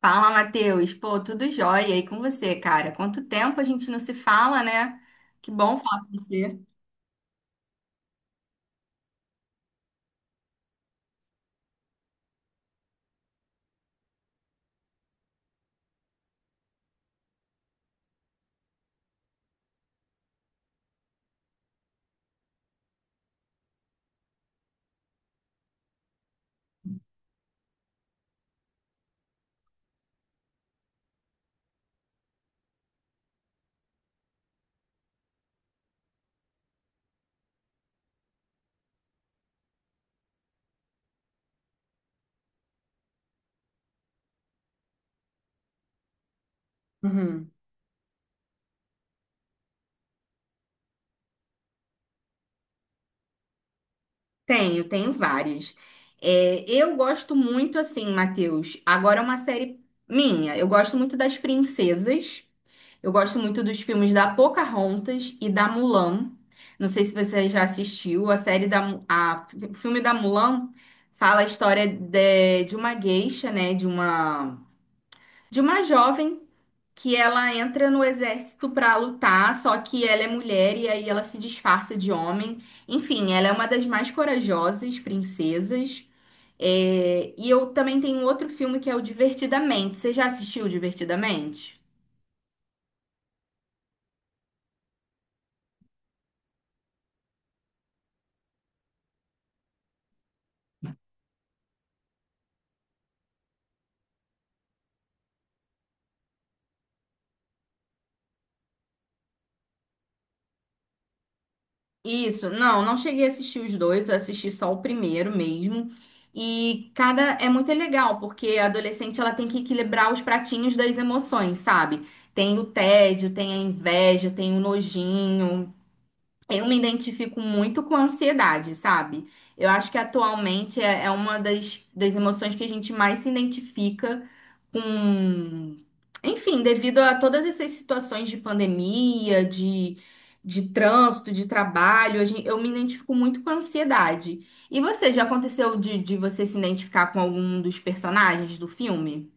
Fala, Matheus. Pô, tudo jóia. E com você, cara? Quanto tempo a gente não se fala, né? Que bom falar com você. Uhum. Tenho, tenho vários. É, eu gosto muito, assim, Matheus. Agora é uma série minha. Eu gosto muito das princesas. Eu gosto muito dos filmes da Pocahontas e da Mulan. Não sei se você já assistiu. A série da... A, o filme da Mulan fala a história de uma gueixa, né? De uma jovem que ela entra no exército pra lutar, só que ela é mulher e aí ela se disfarça de homem. Enfim, ela é uma das mais corajosas princesas. É, e eu também tenho outro filme que é o Divertidamente. Você já assistiu Divertidamente? Isso, não, não cheguei a assistir os dois, eu assisti só o primeiro mesmo. E cada é muito legal, porque a adolescente ela tem que equilibrar os pratinhos das emoções, sabe? Tem o tédio, tem a inveja, tem o nojinho. Eu me identifico muito com ansiedade, sabe? Eu acho que atualmente é uma das emoções que a gente mais se identifica com. Enfim, devido a todas essas situações de pandemia, de trânsito, de trabalho, eu me identifico muito com a ansiedade. E você, já aconteceu de você se identificar com algum dos personagens do filme?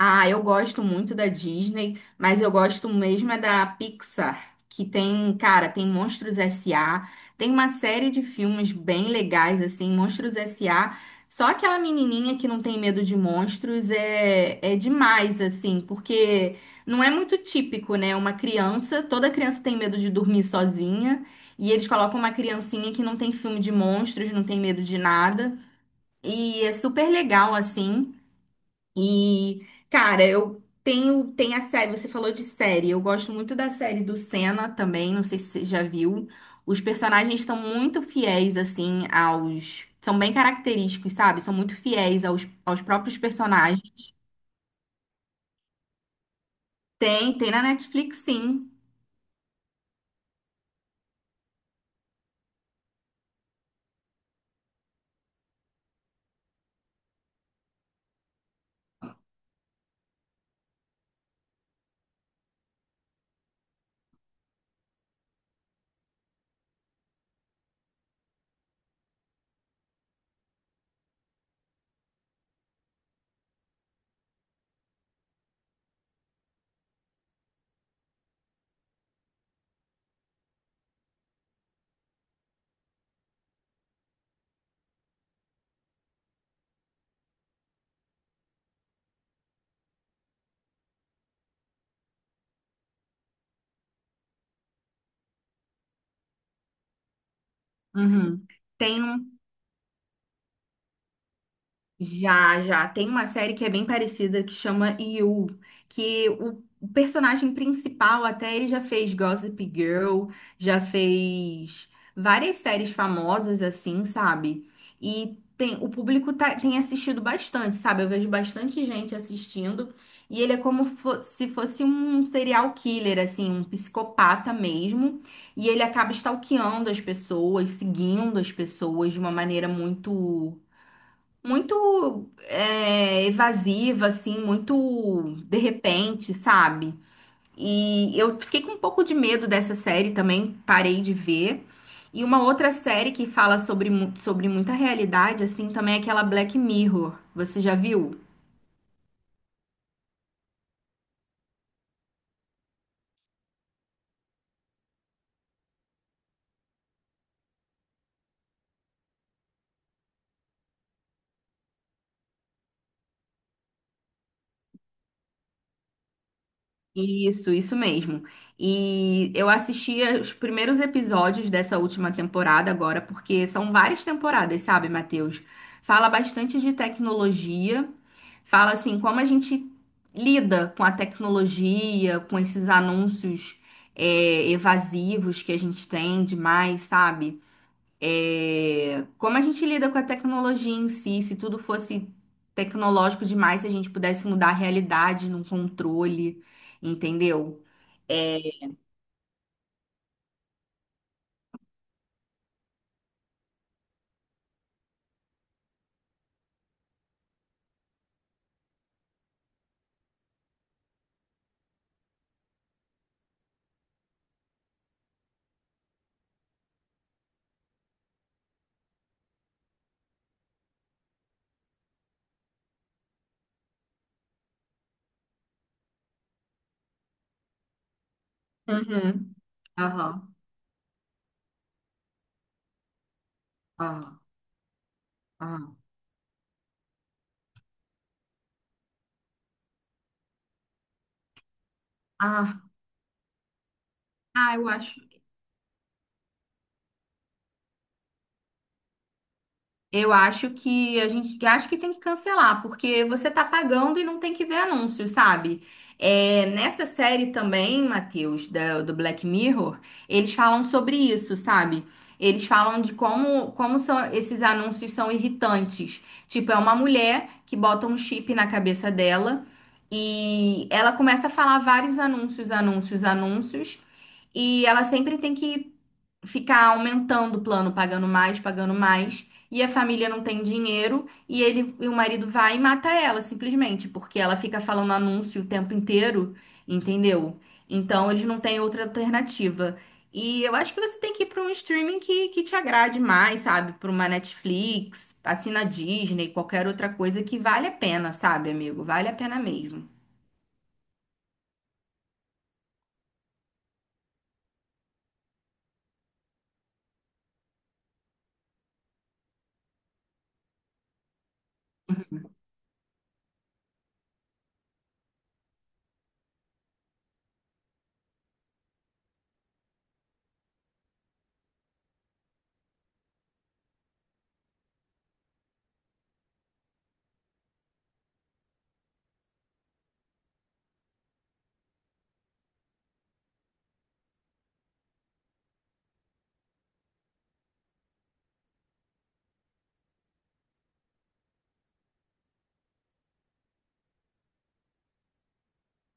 Ah, eu gosto muito da Disney, mas eu gosto mesmo é da Pixar, que tem, cara, tem Monstros S.A., tem uma série de filmes bem legais, assim, Monstros S.A. Só aquela menininha que não tem medo de monstros é demais, assim, porque não é muito típico, né? Uma criança, toda criança tem medo de dormir sozinha, e eles colocam uma criancinha que não tem filme de monstros, não tem medo de nada, e é super legal, assim. E, cara, eu tenho, tem a série, você falou de série, eu gosto muito da série do Senna também, não sei se você já viu. Os personagens estão muito fiéis, assim, aos. São bem característicos, sabe? São muito fiéis aos próprios personagens. Tem, tem na Netflix, sim. Uhum. Tem um. Já, já. Tem uma série que é bem parecida que chama You, que o personagem principal até ele já fez Gossip Girl, já fez várias séries famosas assim, sabe? E tem, o público tem assistido bastante, sabe? Eu vejo bastante gente assistindo e ele é como se fosse um serial killer, assim, um psicopata mesmo. E ele acaba stalkeando as pessoas, seguindo as pessoas de uma maneira muito evasiva, assim, muito de repente, sabe? E eu fiquei com um pouco de medo dessa série também, parei de ver. E uma outra série que fala sobre, sobre muita realidade, assim, também é aquela Black Mirror. Você já viu? Isso mesmo. E eu assisti os primeiros episódios dessa última temporada agora, porque são várias temporadas, sabe, Matheus? Fala bastante de tecnologia, fala assim como a gente lida com a tecnologia, com esses anúncios evasivos que a gente tem demais, sabe? É, como a gente lida com a tecnologia em si, se tudo fosse tecnológico demais, se a gente pudesse mudar a realidade num controle, entendeu? Uhum. Aham, aham, aham. Ah, ah, eu acho. Eu acho que a gente Eu acho que tem que cancelar, porque você tá pagando e não tem que ver anúncios, sabe? É, nessa série também, Matheus, do Black Mirror, eles falam sobre isso, sabe? Eles falam de como, como são, esses anúncios são irritantes. Tipo, é uma mulher que bota um chip na cabeça dela e ela começa a falar vários anúncios, anúncios, anúncios, e ela sempre tem que ficar aumentando o plano, pagando mais, e a família não tem dinheiro, e ele e o marido vai e mata ela, simplesmente, porque ela fica falando anúncio o tempo inteiro, entendeu? Então eles não têm outra alternativa. E eu acho que você tem que ir para um streaming que te agrade mais, sabe? Para uma Netflix, assina Disney, qualquer outra coisa que vale a pena, sabe, amigo? Vale a pena mesmo.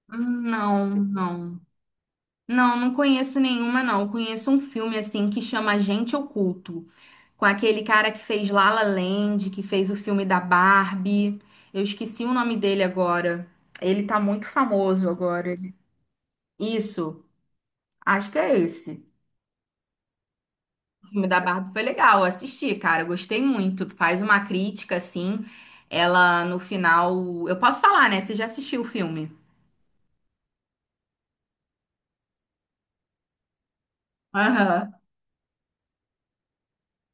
Não, não. Não, não conheço nenhuma, não. Conheço um filme assim que chama Agente Oculto, com aquele cara que fez La La Land, que fez o filme da Barbie. Eu esqueci o nome dele agora. Ele tá muito famoso agora. Isso, acho que é esse. O filme da Barbie foi legal, eu assisti, cara, eu gostei muito. Faz uma crítica assim. Ela no final, eu posso falar, né? Você já assistiu o filme? Aham.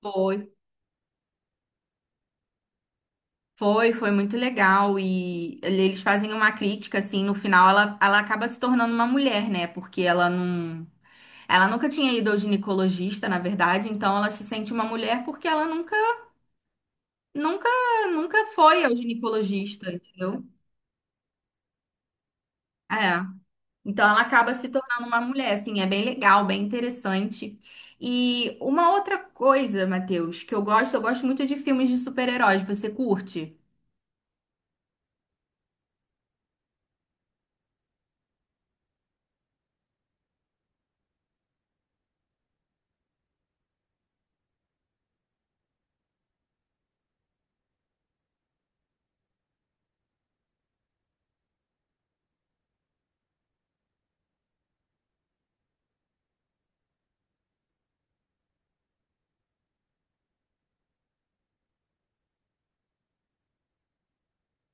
Foi, foi, foi muito legal e eles fazem uma crítica assim, no final ela, ela acaba se tornando uma mulher, né? Porque ela não... Ela nunca tinha ido ao ginecologista, na verdade, então ela se sente uma mulher porque ela nunca, nunca, nunca foi ao ginecologista, entendeu? É. Então ela acaba se tornando uma mulher, assim, é bem legal, bem interessante. E uma outra coisa, Matheus, que eu gosto muito de filmes de super-heróis. Você curte?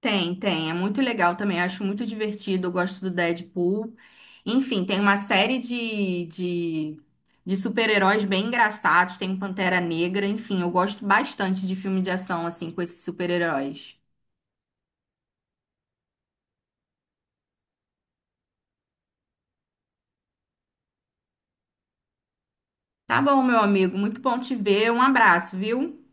Tem, tem. É muito legal também. Acho muito divertido. Eu gosto do Deadpool. Enfim, tem uma série de super-heróis bem engraçados. Tem o Pantera Negra. Enfim, eu gosto bastante de filme de ação, assim, com esses super-heróis. Tá bom, meu amigo. Muito bom te ver. Um abraço, viu?